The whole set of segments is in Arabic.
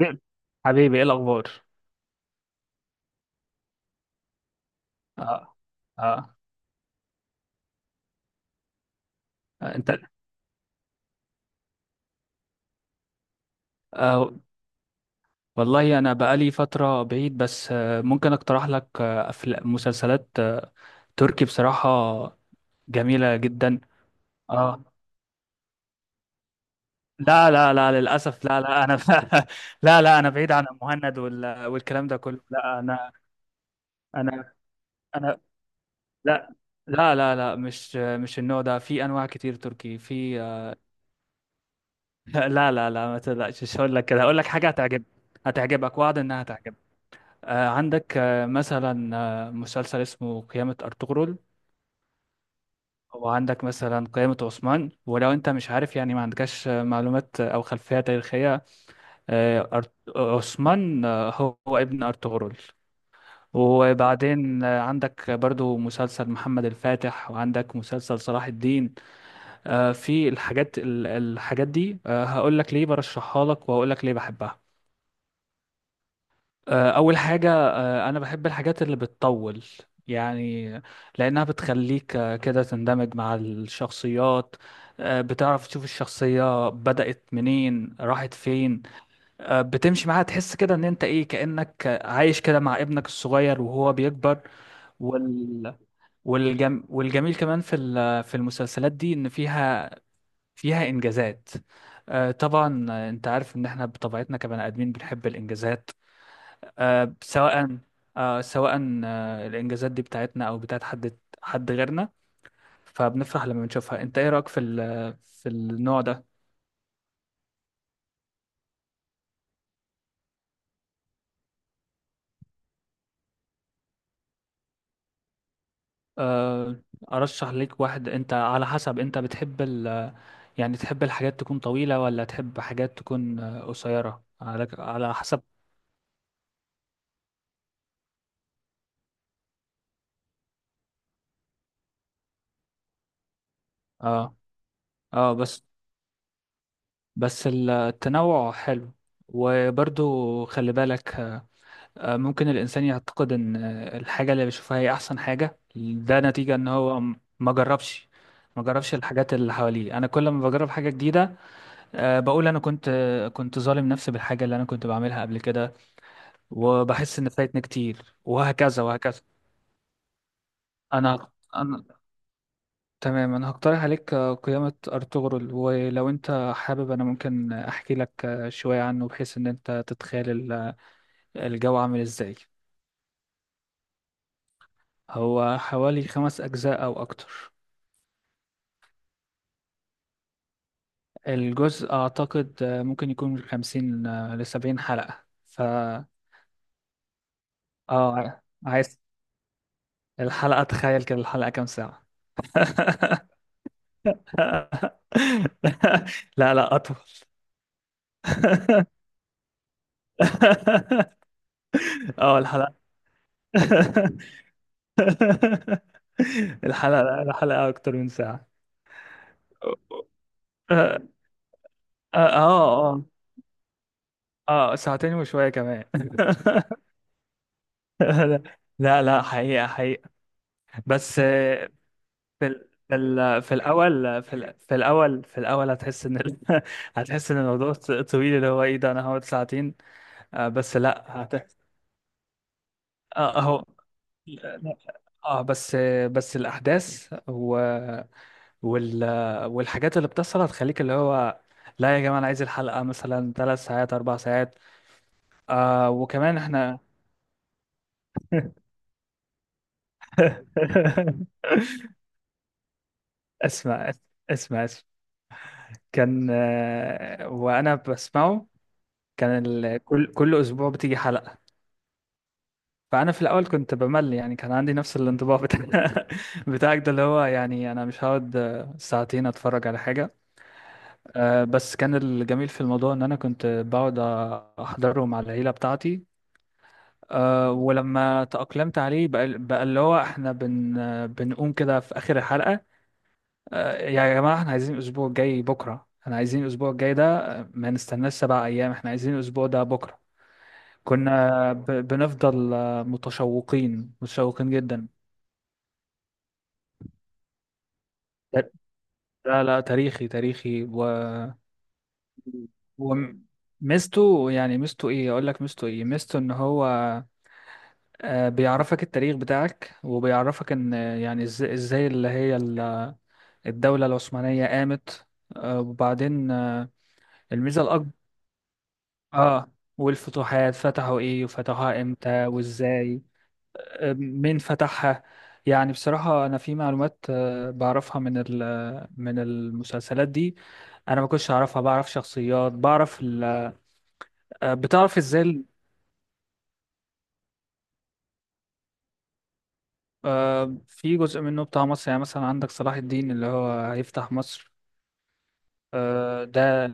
إيه؟ حبيبي، ايه الاخبار؟ اه. اه. انت... آه والله انا بقالي فتره بعيد، بس ممكن اقترح لك مسلسلات، تركي بصراحه، جميله جدا. اه، لا لا لا، للاسف، لا لا، انا لا لا، انا بعيد عن المهند والكلام ده كله، لا. انا انا لا لا لا لا، مش النوع ده، في انواع كتير تركي، في لا لا لا، ما تقلقش، مش هقول لك كده، هقول لك حاجه هتعجبك، هتعجبك، وعد انها هتعجبك. عندك مثلا مسلسل اسمه قيامة أرطغرل، وعندك مثلا قيامة عثمان. ولو انت مش عارف يعني، ما عندكش معلومات او خلفية تاريخية، عثمان هو هو ابن أرطغرل. وبعدين عندك برضو مسلسل محمد الفاتح، وعندك مسلسل صلاح الدين. في الحاجات الحاجات دي هقول لك ليه برشحها لك، وهقول لك ليه بحبها. أول حاجة، أنا بحب الحاجات اللي بتطول، يعني لأنها بتخليك كده تندمج مع الشخصيات. بتعرف تشوف الشخصية بدأت منين، راحت فين. بتمشي معاها، تحس كده إن أنت إيه، كأنك عايش كده مع ابنك الصغير وهو بيكبر. وال... والجميل كمان في في المسلسلات دي إن فيها، فيها إنجازات. طبعا أنت عارف إن إحنا بطبيعتنا كبني آدمين بنحب الإنجازات، آه، سواء سواء الإنجازات دي بتاعتنا أو بتاعت حد غيرنا، فبنفرح لما بنشوفها. أنت إيه رأيك في في النوع ده؟ آه، أرشح ليك واحد. أنت على حسب، أنت بتحب ال... يعني تحب الحاجات تكون طويلة، ولا تحب حاجات تكون قصيرة، على حسب. اه. اه بس، بس التنوع حلو. وبرضو خلي بالك، ممكن الإنسان يعتقد إن الحاجة اللي بيشوفها هي أحسن حاجة، ده نتيجة إن هو ما جربش، ما جربش الحاجات اللي حواليه. أنا كل ما بجرب حاجة جديدة، بقول أنا كنت كنت ظالم نفسي بالحاجة اللي أنا كنت بعملها قبل كده، وبحس إن فايتني كتير، وهكذا وهكذا. أنا تمام، أنا هقترح عليك قيامة أرطغرل. ولو أنت حابب أنا ممكن أحكي لك شوية عنه، بحيث إن أنت تتخيل الجو عامل إزاي. هو حوالي خمس أجزاء أو أكتر. الجزء أعتقد ممكن يكون من 50 لسبعين حلقة. ف اه عايز الحلقة، تخيل كده الحلقة كام ساعة؟ لا لا، أطول. اه الحلقة، الحلقة أكتر من ساعة. اه. اه. اه. ساعتين وشوية كمان. لا. لا لا، حقيقة حقيقة. بس في ال... في ال... في الاول في ال... في الاول في الاول هتحس ان هتحس ان الموضوع طويل، اللي هو ايه ده، انا هقعد ساعتين؟ آه بس لا هت... اه اهو لا. اه بس بس الاحداث وال... والحاجات اللي بتحصل هتخليك اللي هو، لا يا جماعه، انا عايز الحلقه مثلا ثلاث ساعات، اربع ساعات. وكمان احنا اسمع، اسمع. كان وانا بسمعه، كان كل اسبوع بتيجي حلقه، فانا في الاول كنت بمل، يعني كان عندي نفس الانطباع بتاع بتاعك ده، اللي هو يعني انا مش هقعد ساعتين اتفرج على حاجه. بس كان الجميل في الموضوع ان انا كنت بقعد احضره مع العيله بتاعتي. ولما تأقلمت عليه بقى, اللي هو احنا بن... آه، بنقوم كده في اخر الحلقه، يا جماعه احنا عايزين الاسبوع الجاي بكره، احنا عايزين الاسبوع الجاي ده، ما نستناش سبع ايام، احنا عايزين الاسبوع ده بكره. كنا بنفضل متشوقين، متشوقين جدا. لا لا، تاريخي، تاريخي. و وميزته، يعني ميزته ايه، اقول لك ميزته ايه، ميزته ان هو بيعرفك التاريخ بتاعك، وبيعرفك ان يعني ازاي اللي هي الدولة العثمانية قامت. آه، وبعدين آه، الميزة الاكبر، اه، والفتوحات، فتحوا ايه، وفتحوها امتى، وازاي، مين فتحها. يعني بصراحة أنا في معلومات بعرفها من من المسلسلات دي، أنا ما كنتش أعرفها. بعرف شخصيات، بعرف بتعرف إزاي في جزء منه بتاع مصر. يعني مثلا عندك صلاح الدين اللي هو هيفتح مصر. آه، ده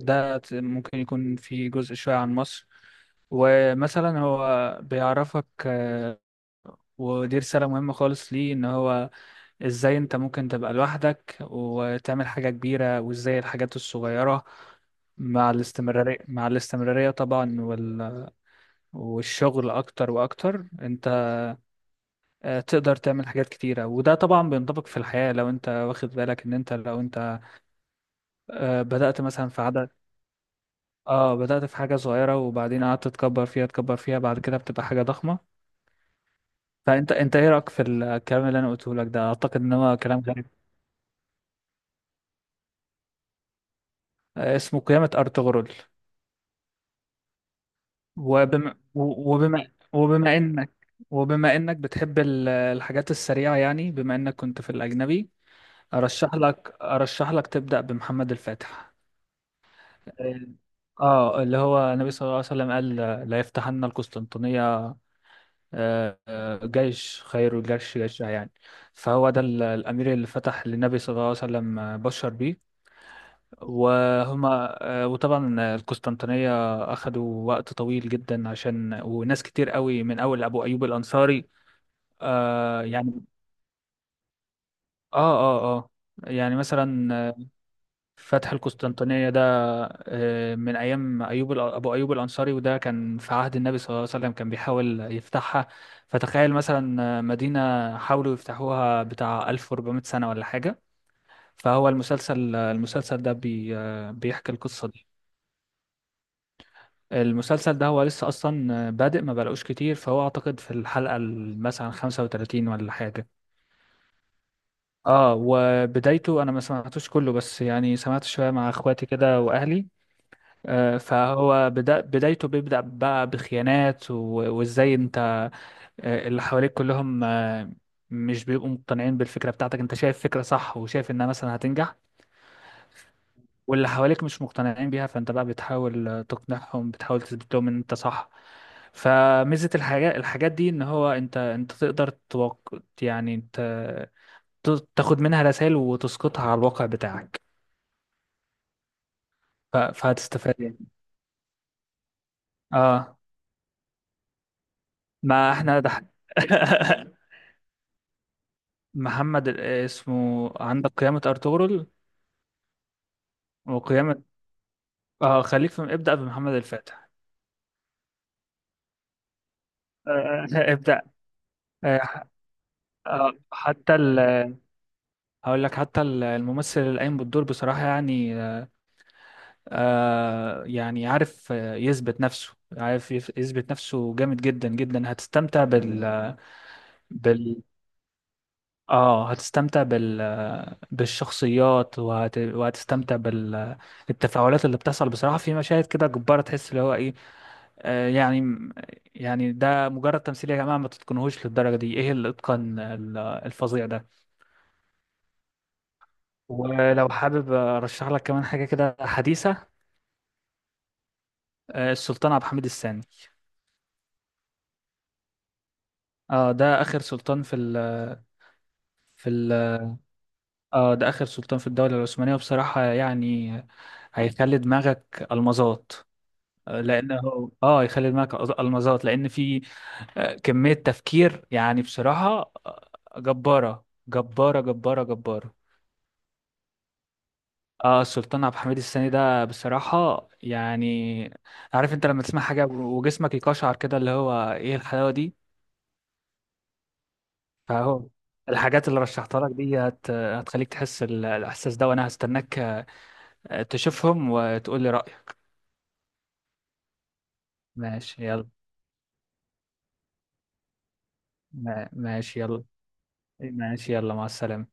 ده ممكن يكون في جزء شوية عن مصر. ومثلا هو بيعرفك ودي رسالة مهمة خالص ليه، إن هو ازاي انت ممكن تبقى لوحدك وتعمل حاجة كبيرة، وازاي الحاجات الصغيرة مع الاستمرارية، طبعا والشغل أكتر وأكتر، أنت تقدر تعمل حاجات كتيرة. وده طبعا بينطبق في الحياة، لو أنت واخد بالك إن أنت بدأت مثلا في عدد، بدأت في حاجة صغيرة، وبعدين قعدت تكبر فيها، تكبر فيها، بعد كده بتبقى حاجة ضخمة. فأنت إيه رأيك في الكلام اللي أنا قلته لك ده؟ أعتقد إن هو كلام غريب. اسمه قيامة أرطغرل. وبما انك، وبما انك بتحب الحاجات السريعة، يعني بما انك كنت في الأجنبي، ارشح لك تبدأ بمحمد الفاتح. اه. اللي هو النبي صلى الله عليه وسلم قال لا يفتحن القسطنطينية، جيش خير الجيش جيشها يعني، فهو ده الأمير اللي فتح، للنبي صلى الله عليه وسلم بشر بيه. وهما وطبعا القسطنطينية أخدوا وقت طويل جدا عشان، وناس كتير قوي، من أول أبو أيوب الأنصاري. آه يعني آه آه آه يعني مثلا آه، فتح القسطنطينية ده من أيام أبو أيوب الأنصاري، وده كان في عهد النبي صلى الله عليه وسلم، كان بيحاول يفتحها. فتخيل مثلا مدينة حاولوا يفتحوها بتاع 1400 سنة ولا حاجة. فهو المسلسل، المسلسل ده بي آه، بيحكي القصة دي. المسلسل ده هو لسه اصلا بادئ، ما بلاقوش كتير، فهو اعتقد في الحلقه مثلا 35 ولا حاجه. اه وبدايته انا ما سمعتوش كله، بس يعني سمعت شويه مع اخواتي كده واهلي. فهو بدا، بدايته بيبدا بقى بخيانات، وازاي انت اللي حواليك كلهم مش بيبقوا مقتنعين بالفكره بتاعتك، انت شايف فكره صح وشايف انها مثلا هتنجح، واللي حواليك مش مقتنعين بيها، فانت بقى بتحاول تقنعهم، بتحاول تثبت لهم ان انت صح. فميزة الحاجات دي ان هو، انت تقدر يعني انت تاخد منها رسائل وتسقطها على الواقع بتاعك، فهتستفاد يعني. اه، ما احنا ده. اسمه عندك قيامة ارطغرل وقيامة اه، خليك في، ابدأ بمحمد الفاتح. آه، ابدأ. آه، آه، حتى ال هقول لك حتى الممثل اللي قايم بالدور بصراحة يعني، عارف يثبت نفسه، عارف يثبت نفسه جامد جدا جدا. هتستمتع بال بال اه، هتستمتع بالشخصيات، وهتستمتع بالتفاعلات اللي بتحصل. بصراحة في مشاهد كده جبارة، تحس اللي هو ايه، آه يعني يعني ده مجرد تمثيل يا جماعة، ما تتقنهوش للدرجة دي، ايه الاتقان الفظيع ده. ولو حابب ارشح لك كمان حاجة كده حديثة، السلطان عبد الحميد الثاني. اه ده اخر سلطان في ال في ال اه ده اخر سلطان في الدولة العثمانية. وبصراحة يعني هيخلي دماغك المظات، لان هو اه هيخلي دماغك المظات، لان في كمية تفكير، يعني بصراحة جبارة، جبارة، جبارة، جبارة. اه السلطان عبد الحميد الثاني ده بصراحة يعني، عارف انت لما تسمع حاجة وجسمك يقشعر كده، اللي هو ايه الحلاوة دي. فاهو الحاجات اللي رشحتها لك دي هتخليك تحس الإحساس ده، وأنا هستناك تشوفهم وتقول لي رأيك. ماشي يلا. ماشي يلا. ماشي يلا، مع السلامة.